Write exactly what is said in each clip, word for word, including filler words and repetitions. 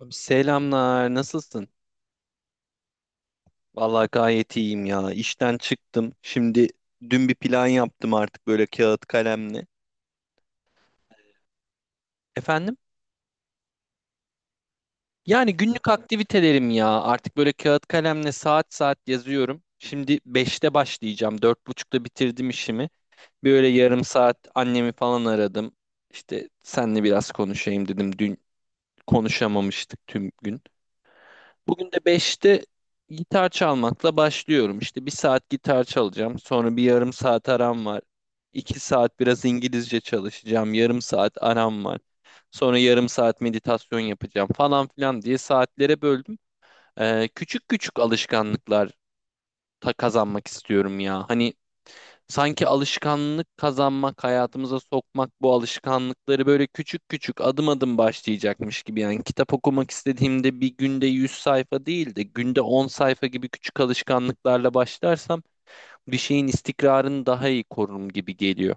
Abi, selamlar, nasılsın? Vallahi gayet iyiyim ya. İşten çıktım. Şimdi dün bir plan yaptım artık böyle kağıt kalemle. Efendim? Yani günlük aktivitelerim ya. Artık böyle kağıt kalemle saat saat yazıyorum. Şimdi beşte başlayacağım. Dört buçukta bitirdim işimi. Böyle yarım saat annemi falan aradım. İşte senle biraz konuşayım dedim. Dün konuşamamıştık tüm gün. Bugün de beşte gitar çalmakla başlıyorum. İşte bir saat gitar çalacağım. Sonra bir yarım saat aram var. iki saat biraz İngilizce çalışacağım. Yarım saat aram var. Sonra yarım saat meditasyon yapacağım falan filan diye saatlere böldüm. Ee, küçük küçük alışkanlıklar ta kazanmak istiyorum ya. Hani, sanki alışkanlık kazanmak, hayatımıza sokmak bu alışkanlıkları böyle küçük küçük adım adım başlayacakmış gibi. Yani kitap okumak istediğimde bir günde yüz sayfa değil de günde on sayfa gibi küçük alışkanlıklarla başlarsam bir şeyin istikrarını daha iyi korurum gibi geliyor.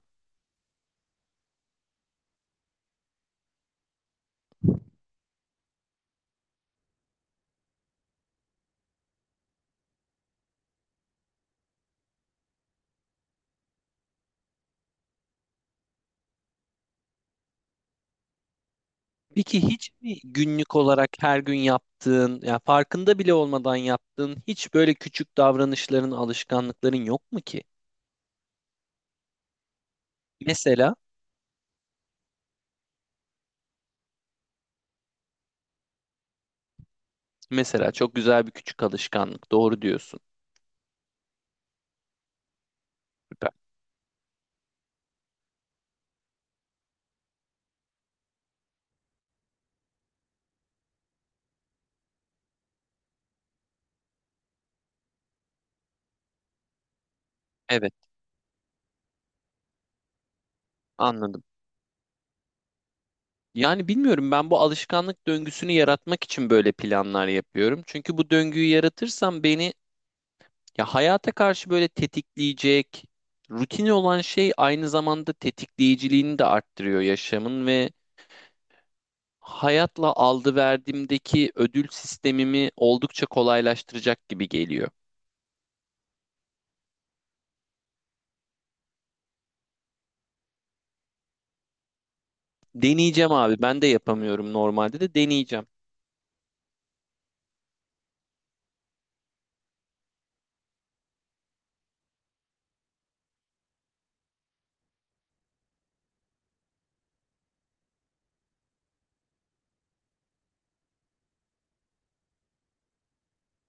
Peki hiç mi günlük olarak her gün yaptığın, ya farkında bile olmadan yaptığın hiç böyle küçük davranışların, alışkanlıkların yok mu ki? Mesela, mesela çok güzel bir küçük alışkanlık. Doğru diyorsun. Süper. Evet. Anladım. Yani bilmiyorum, ben bu alışkanlık döngüsünü yaratmak için böyle planlar yapıyorum. Çünkü bu döngüyü yaratırsam beni ya hayata karşı böyle tetikleyecek, rutin olan şey aynı zamanda tetikleyiciliğini de arttırıyor yaşamın ve hayatla aldı verdiğimdeki ödül sistemimi oldukça kolaylaştıracak gibi geliyor. Deneyeceğim abi, ben de yapamıyorum normalde, de deneyeceğim.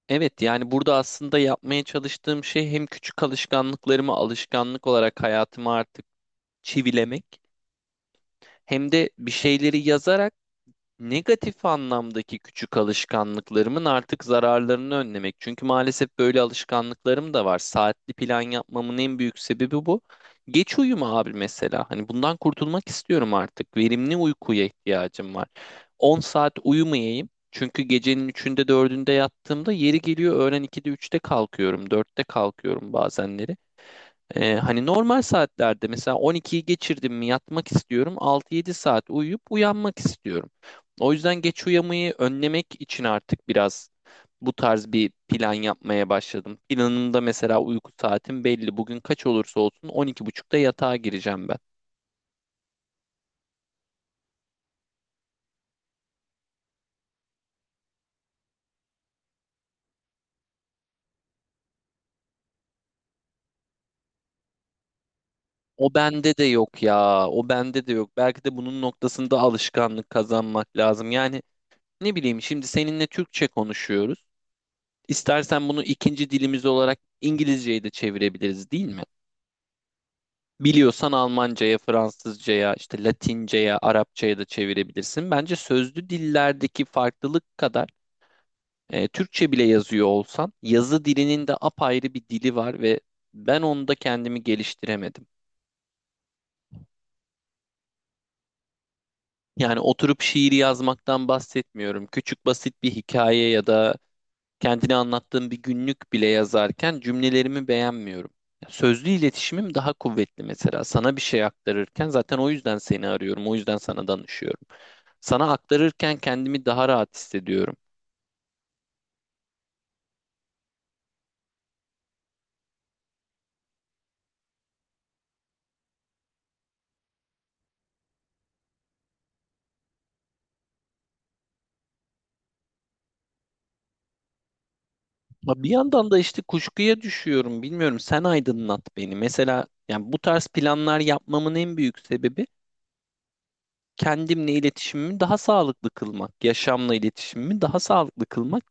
Evet, yani burada aslında yapmaya çalıştığım şey hem küçük alışkanlıklarımı alışkanlık olarak hayatıma artık çivilemek hem de bir şeyleri yazarak negatif anlamdaki küçük alışkanlıklarımın artık zararlarını önlemek. Çünkü maalesef böyle alışkanlıklarım da var. Saatli plan yapmamın en büyük sebebi bu. Geç uyuma abi mesela. Hani bundan kurtulmak istiyorum artık. Verimli uykuya ihtiyacım var. on saat uyumayayım. Çünkü gecenin üçünde dördünde yattığımda yeri geliyor öğlen ikide üçte kalkıyorum. Dörtte kalkıyorum bazenleri. Ee, hani normal saatlerde mesela on ikiyi geçirdim mi yatmak istiyorum. altı yedi saat uyuyup uyanmak istiyorum. O yüzden geç uyamayı önlemek için artık biraz bu tarz bir plan yapmaya başladım. Planımda mesela uyku saatim belli. Bugün kaç olursa olsun on iki buçukta yatağa gireceğim ben. O bende de yok ya. O bende de yok. Belki de bunun noktasında alışkanlık kazanmak lazım. Yani ne bileyim, şimdi seninle Türkçe konuşuyoruz. İstersen bunu ikinci dilimiz olarak İngilizce'ye de çevirebiliriz, değil mi? Biliyorsan Almanca'ya, Fransızca'ya, işte Latince'ye, Arapça'ya da çevirebilirsin. Bence sözlü dillerdeki farklılık kadar e, Türkçe bile yazıyor olsan yazı dilinin de apayrı bir dili var ve ben onda kendimi geliştiremedim. Yani oturup şiir yazmaktan bahsetmiyorum. Küçük basit bir hikaye ya da kendini anlattığım bir günlük bile yazarken cümlelerimi beğenmiyorum. Sözlü iletişimim daha kuvvetli mesela. Sana bir şey aktarırken zaten o yüzden seni arıyorum, o yüzden sana danışıyorum. Sana aktarırken kendimi daha rahat hissediyorum. Ama bir yandan da işte kuşkuya düşüyorum. Bilmiyorum, sen aydınlat beni. Mesela yani bu tarz planlar yapmamın en büyük sebebi kendimle iletişimimi daha sağlıklı kılmak, yaşamla iletişimimi daha sağlıklı kılmak.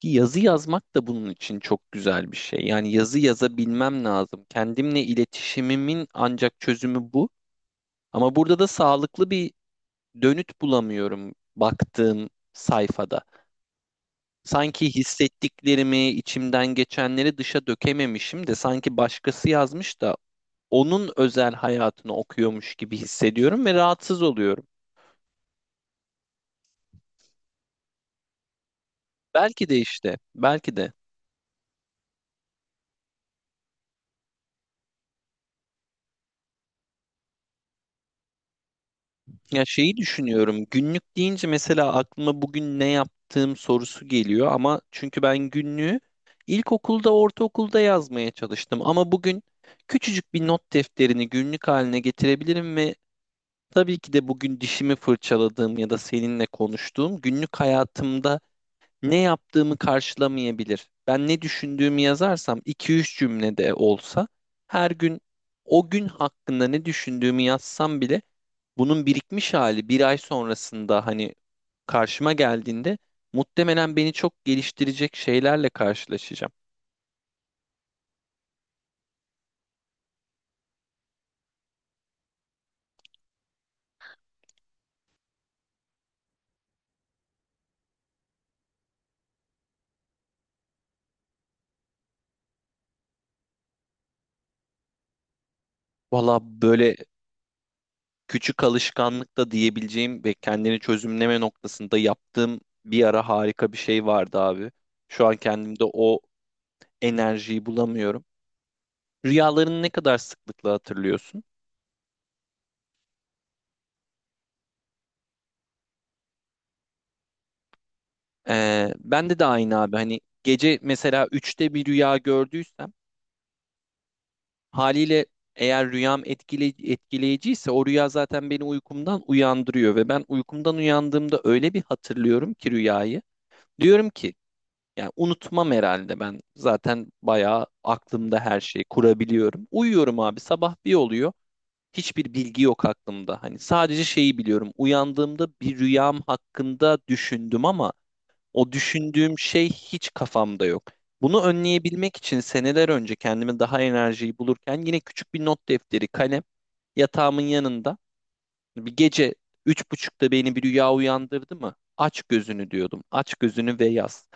Ki yazı yazmak da bunun için çok güzel bir şey. Yani yazı yazabilmem lazım. Kendimle iletişimimin ancak çözümü bu. Ama burada da sağlıklı bir dönüt bulamıyorum baktığım sayfada. Sanki hissettiklerimi, içimden geçenleri dışa dökememişim de sanki başkası yazmış da onun özel hayatını okuyormuş gibi hissediyorum ve rahatsız oluyorum. Belki de işte, belki de. Ya şeyi düşünüyorum. Günlük deyince mesela aklıma bugün ne yaptığım sorusu geliyor ama çünkü ben günlüğü ilkokulda, ortaokulda yazmaya çalıştım ama bugün küçücük bir not defterini günlük haline getirebilirim ve tabii ki de bugün dişimi fırçaladığım ya da seninle konuştuğum günlük hayatımda ne yaptığımı karşılamayabilir. Ben ne düşündüğümü yazarsam iki üç cümlede olsa her gün o gün hakkında ne düşündüğümü yazsam bile bunun birikmiş hali bir ay sonrasında hani karşıma geldiğinde muhtemelen beni çok geliştirecek şeylerle karşılaşacağım. Valla böyle küçük alışkanlık da diyebileceğim ve kendini çözümleme noktasında yaptığım bir ara harika bir şey vardı abi. Şu an kendimde o enerjiyi bulamıyorum. Rüyalarını ne kadar sıklıkla hatırlıyorsun? Ee, bende de aynı abi. Hani gece mesela üçte bir rüya gördüysem haliyle eğer rüyam etkile, etkileyiciyse o rüya zaten beni uykumdan uyandırıyor ve ben uykumdan uyandığımda öyle bir hatırlıyorum ki rüyayı. Diyorum ki yani unutmam herhalde, ben zaten bayağı aklımda her şeyi kurabiliyorum. Uyuyorum abi, sabah bir oluyor, hiçbir bilgi yok aklımda. Hani sadece şeyi biliyorum, uyandığımda bir rüyam hakkında düşündüm ama o düşündüğüm şey hiç kafamda yok. Bunu önleyebilmek için seneler önce kendime daha enerjiyi bulurken yine küçük bir not defteri, kalem yatağımın yanında. Bir gece üç buçukta beni bir rüya uyandırdı mı? Aç gözünü diyordum. Aç gözünü ve yaz.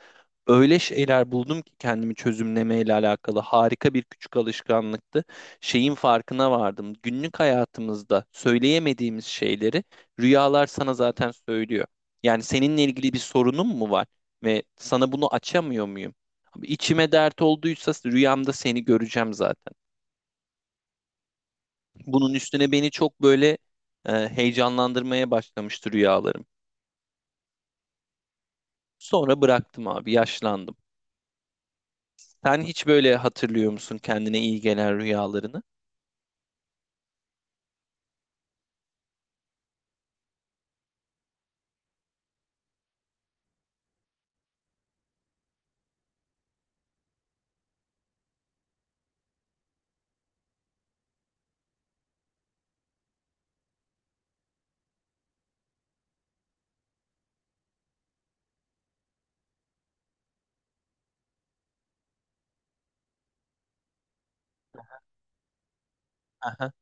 Öyle şeyler buldum ki kendimi çözümlemeyle alakalı harika bir küçük alışkanlıktı. Şeyin farkına vardım. Günlük hayatımızda söyleyemediğimiz şeyleri rüyalar sana zaten söylüyor. Yani seninle ilgili bir sorunun mu var ve sana bunu açamıyor muyum? Abi İçime dert olduysa rüyamda seni göreceğim zaten. Bunun üstüne beni çok böyle e, heyecanlandırmaya başlamıştı rüyalarım. Sonra bıraktım abi, yaşlandım. Sen hiç böyle hatırlıyor musun kendine iyi gelen rüyalarını? Aha.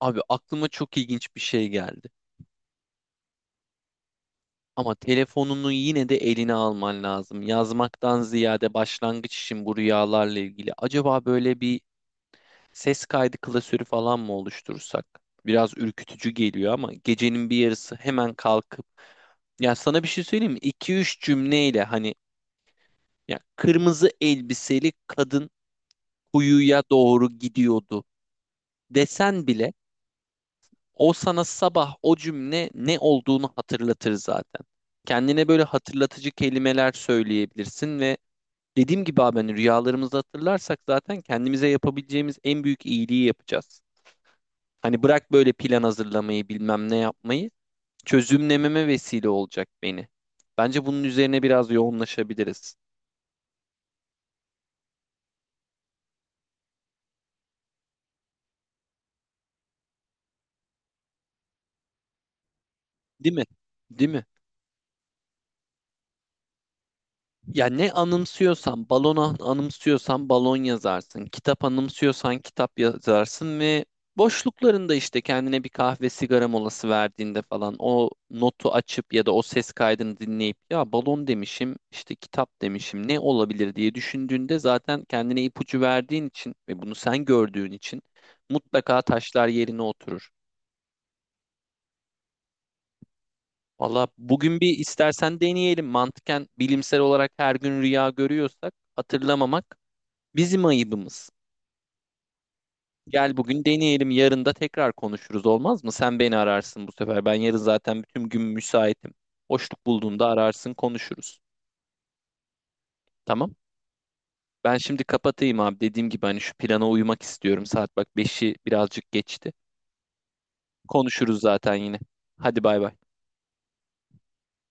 Abi aklıma çok ilginç bir şey geldi. Ama telefonunu yine de eline alman lazım. Yazmaktan ziyade başlangıç için bu rüyalarla ilgili. Acaba böyle bir ses kaydı klasörü falan mı oluştursak? Biraz ürkütücü geliyor ama gecenin bir yarısı hemen kalkıp ya sana bir şey söyleyeyim mi? iki üç cümleyle hani, ya kırmızı elbiseli kadın kuyuya doğru gidiyordu desen bile o sana sabah o cümle ne olduğunu hatırlatır zaten. Kendine böyle hatırlatıcı kelimeler söyleyebilirsin ve dediğim gibi abi, hani rüyalarımızı hatırlarsak zaten kendimize yapabileceğimiz en büyük iyiliği yapacağız. Hani bırak böyle plan hazırlamayı, bilmem ne yapmayı, çözümlememe vesile olacak beni. Bence bunun üzerine biraz yoğunlaşabiliriz. Değil mi? Değil mi? Ya ne anımsıyorsan, balona anımsıyorsan balon yazarsın. Kitap anımsıyorsan kitap yazarsın ve boşluklarında işte kendine bir kahve sigara molası verdiğinde falan o notu açıp ya da o ses kaydını dinleyip ya balon demişim, işte kitap demişim, ne olabilir diye düşündüğünde zaten kendine ipucu verdiğin için ve bunu sen gördüğün için mutlaka taşlar yerine oturur. Valla bugün bir istersen deneyelim. Mantıken bilimsel olarak her gün rüya görüyorsak hatırlamamak bizim ayıbımız. Gel bugün deneyelim, yarın da tekrar konuşuruz, olmaz mı? Sen beni ararsın bu sefer. Ben yarın zaten bütün gün müsaitim. Boşluk bulduğunda ararsın, konuşuruz. Tamam? Ben şimdi kapatayım abi. Dediğim gibi hani şu plana uymak istiyorum. Saat bak, beşi birazcık geçti. Konuşuruz zaten yine. Hadi bay bay.